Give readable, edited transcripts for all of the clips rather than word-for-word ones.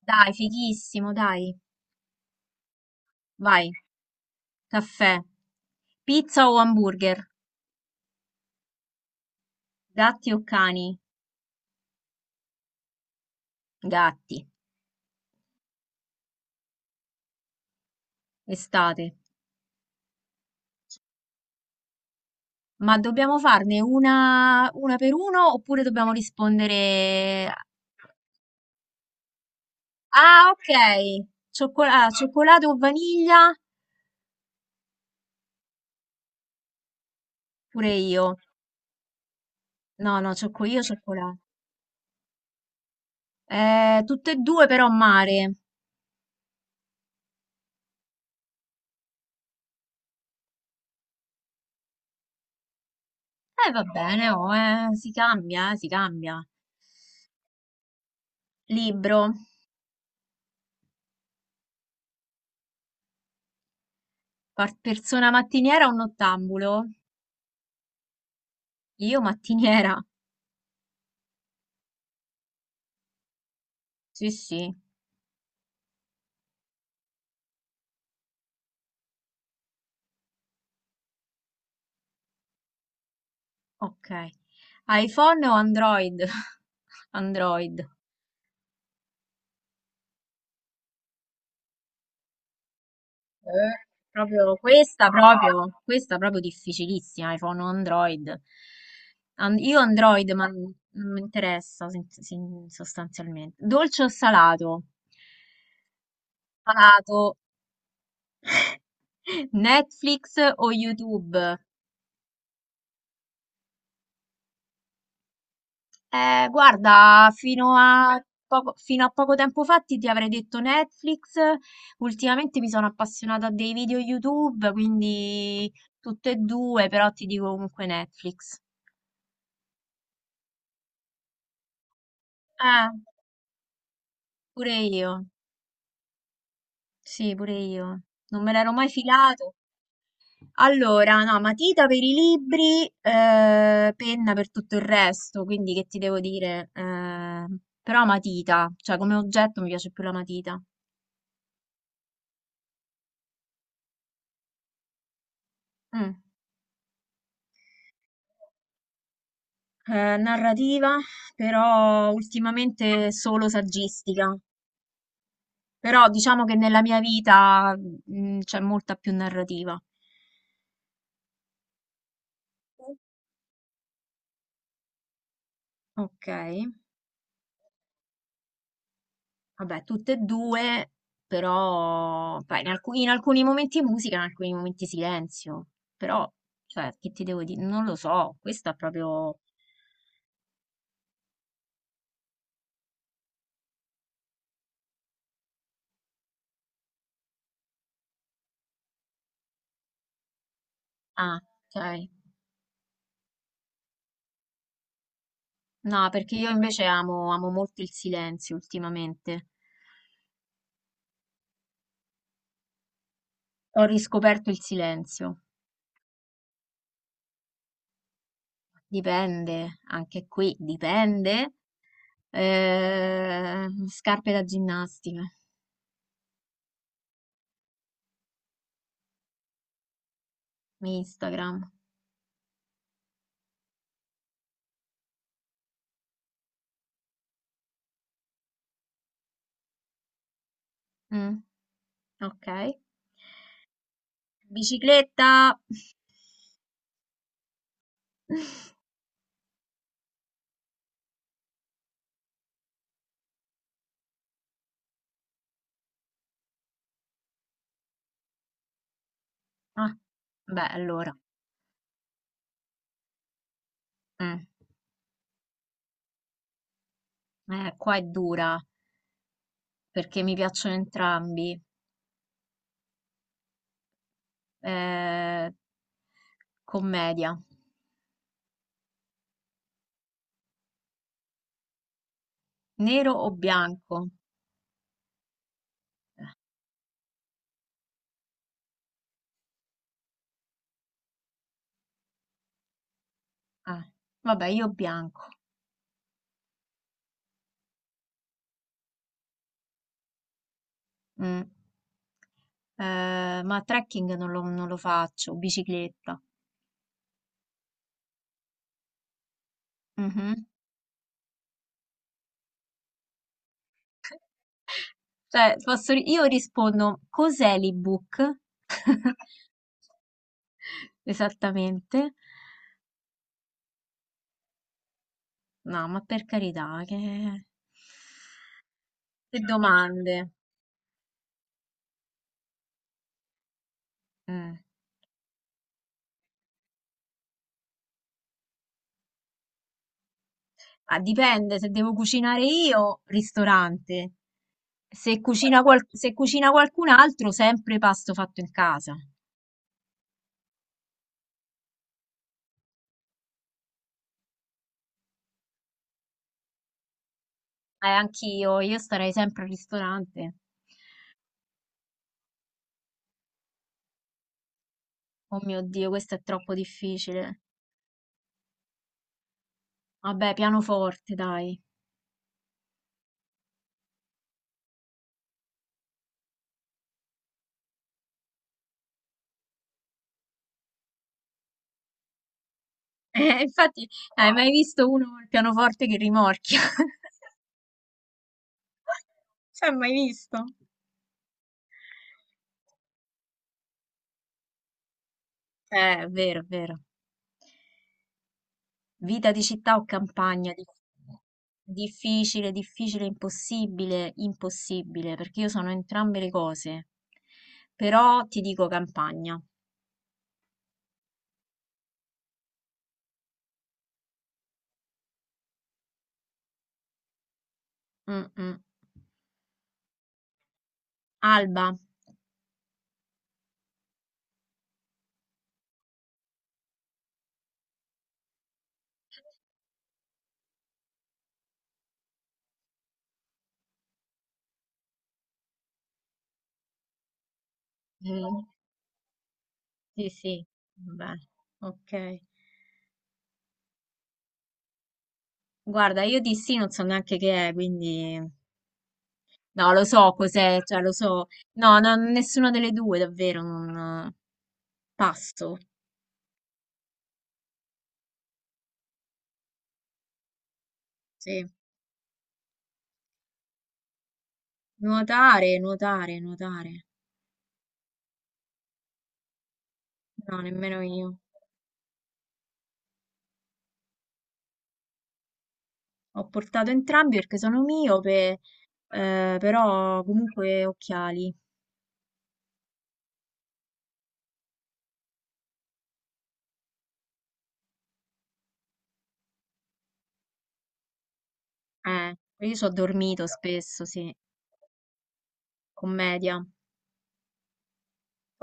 Dai, fighissimo, dai. Vai, caffè, pizza o hamburger, gatti o cani? Gatti, estate. Ma dobbiamo farne una per uno oppure dobbiamo rispondere... Ah, ok. Cioccolato o vaniglia? Pure io. No, cioccolato. Tutte e due però mare. Va bene, oh, si cambia, si cambia. Libro. Persona mattiniera o nottambulo? Io mattiniera? Sì, sì, ok. iPhone o Android? Android. Proprio questa, proprio, questa proprio difficilissima, iPhone o Android. Io Android, ma non mi interessa sostanzialmente. Dolce o salato? Salato. Netflix o YouTube? Guarda, fino a poco tempo fa ti avrei detto Netflix, ultimamente mi sono appassionata a dei video YouTube, quindi tutte e due, però ti dico comunque Netflix. Eh, pure io, sì, pure io, non me l'ero mai filato. Allora, no, matita per i libri, penna per tutto il resto, quindi che ti devo dire? Però matita, cioè come oggetto mi piace più la matita. Mm. Eh, narrativa, però ultimamente solo saggistica. Però diciamo che nella mia vita c'è molta più narrativa. Ok, vabbè, tutte e due, però poi in in alcuni momenti musica, in alcuni momenti silenzio. Però, cioè, che ti devo dire? Non lo so, questo è proprio... Ah, ok. No, perché io invece amo molto il silenzio ultimamente. Ho riscoperto il silenzio. Dipende, anche qui dipende. Scarpe da ginnastica. Instagram. Mm, ok. Bicicletta. Ah, beh, allora. mm, Qua è dura perché mi piacciono entrambi. Eh, commedia. Nero o bianco? Ah, vabbè, io bianco. Mm. Ma trekking non lo faccio, bicicletta. Mhm. Cioè, io rispondo, cos'è l'ebook? Esattamente. No, ma per carità, che domande. Mm. Ah, dipende, se devo cucinare io, ristorante. Se cucina, qual- se cucina qualcun altro, sempre pasto fatto in casa. Anch'io, io starei sempre al ristorante. Oh mio Dio, questo è troppo difficile. Vabbè, pianoforte, dai. Infatti, hai mai visto uno col pianoforte che rimorchia? Si è mai visto? È vero, è vero. Vita di città o campagna? Difficile, difficile, impossibile, impossibile, perché io sono entrambe le cose. Però ti dico campagna. Mm, mm. Alba. Mm, sì, sì. Vabbè, ok. Guarda, io di sì non so neanche che è, quindi... No, lo so cos'è, cioè lo so. No, no, nessuna delle due, davvero, non... Passo. Sì. Nuotare, nuotare, nuotare. No, nemmeno io. Ho portato entrambi perché sono miope, però comunque occhiali. Eh, io so dormito spesso, sì. Commedia.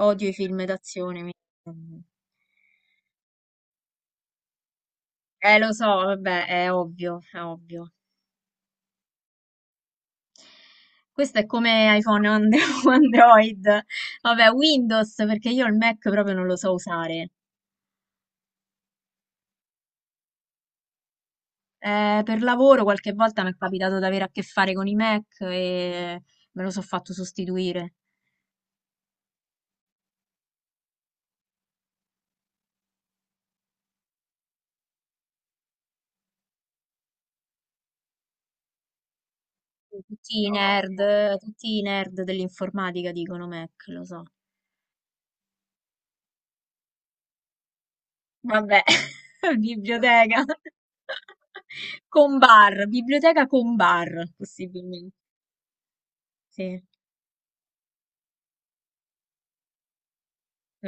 Odio i film d'azione. Lo so, vabbè, è ovvio, è ovvio. Questo è come o Android. Vabbè, Windows, perché io il Mac proprio non lo so usare. Per lavoro qualche volta mi è capitato di avere a che fare con i Mac e me lo so fatto sostituire. Tutti i nerd dell'informatica dicono Mac, lo so. Vabbè, biblioteca con bar, biblioteca con bar, possibilmente. Sì,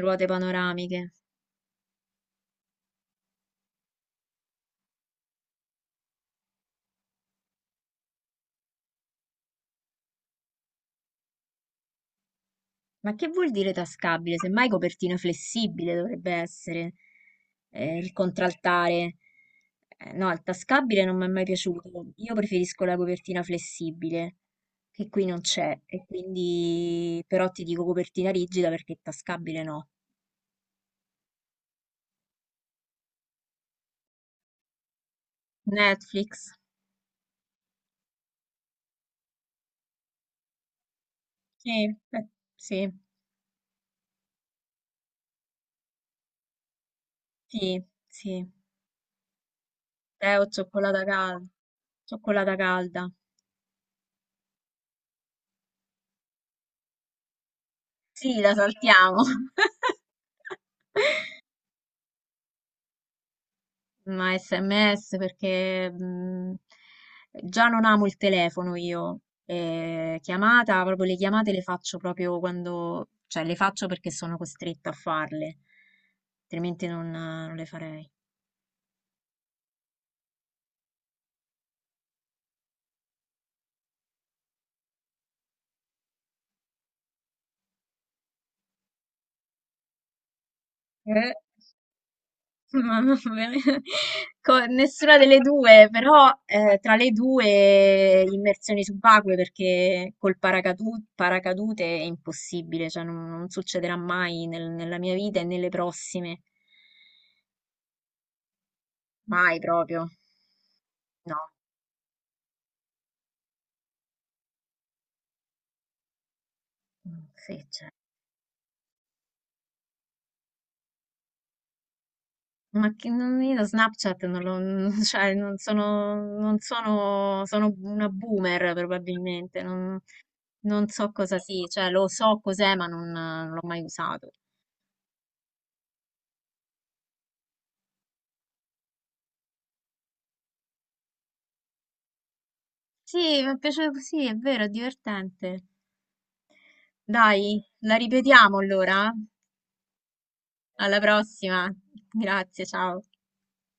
ruote panoramiche. Ma che vuol dire tascabile? Semmai copertina flessibile dovrebbe essere il contraltare. No, il tascabile non mi è mai piaciuto. Io preferisco la copertina flessibile, che qui non c'è, e quindi però ti dico copertina rigida perché tascabile no. Netflix. Sì, eh, sì, sì, sì. Tè o cioccolata calda. Cioccolata calda. Sì, la saltiamo. Ma SMS perché già non amo il telefono io. E chiamata, proprio le chiamate le faccio proprio quando, cioè le faccio perché sono costretta a farle, altrimenti non le farei. Eh, ma va bene. Nessuna delle due, però tra le due immersioni subacquee perché col paracadute è impossibile, cioè non succederà mai nella mia vita e nelle prossime. Mai proprio. No, mm, sì, cioè. Ma che non, io Snapchat non lo, non- cioè, non sono, sono una boomer probabilmente, non, non so cosa sia, cioè lo so cos'è ma non, non l'ho mai usato. Sì, mi piace così, è vero, è divertente. Dai, la ripetiamo allora. Alla prossima. Grazie, ciao.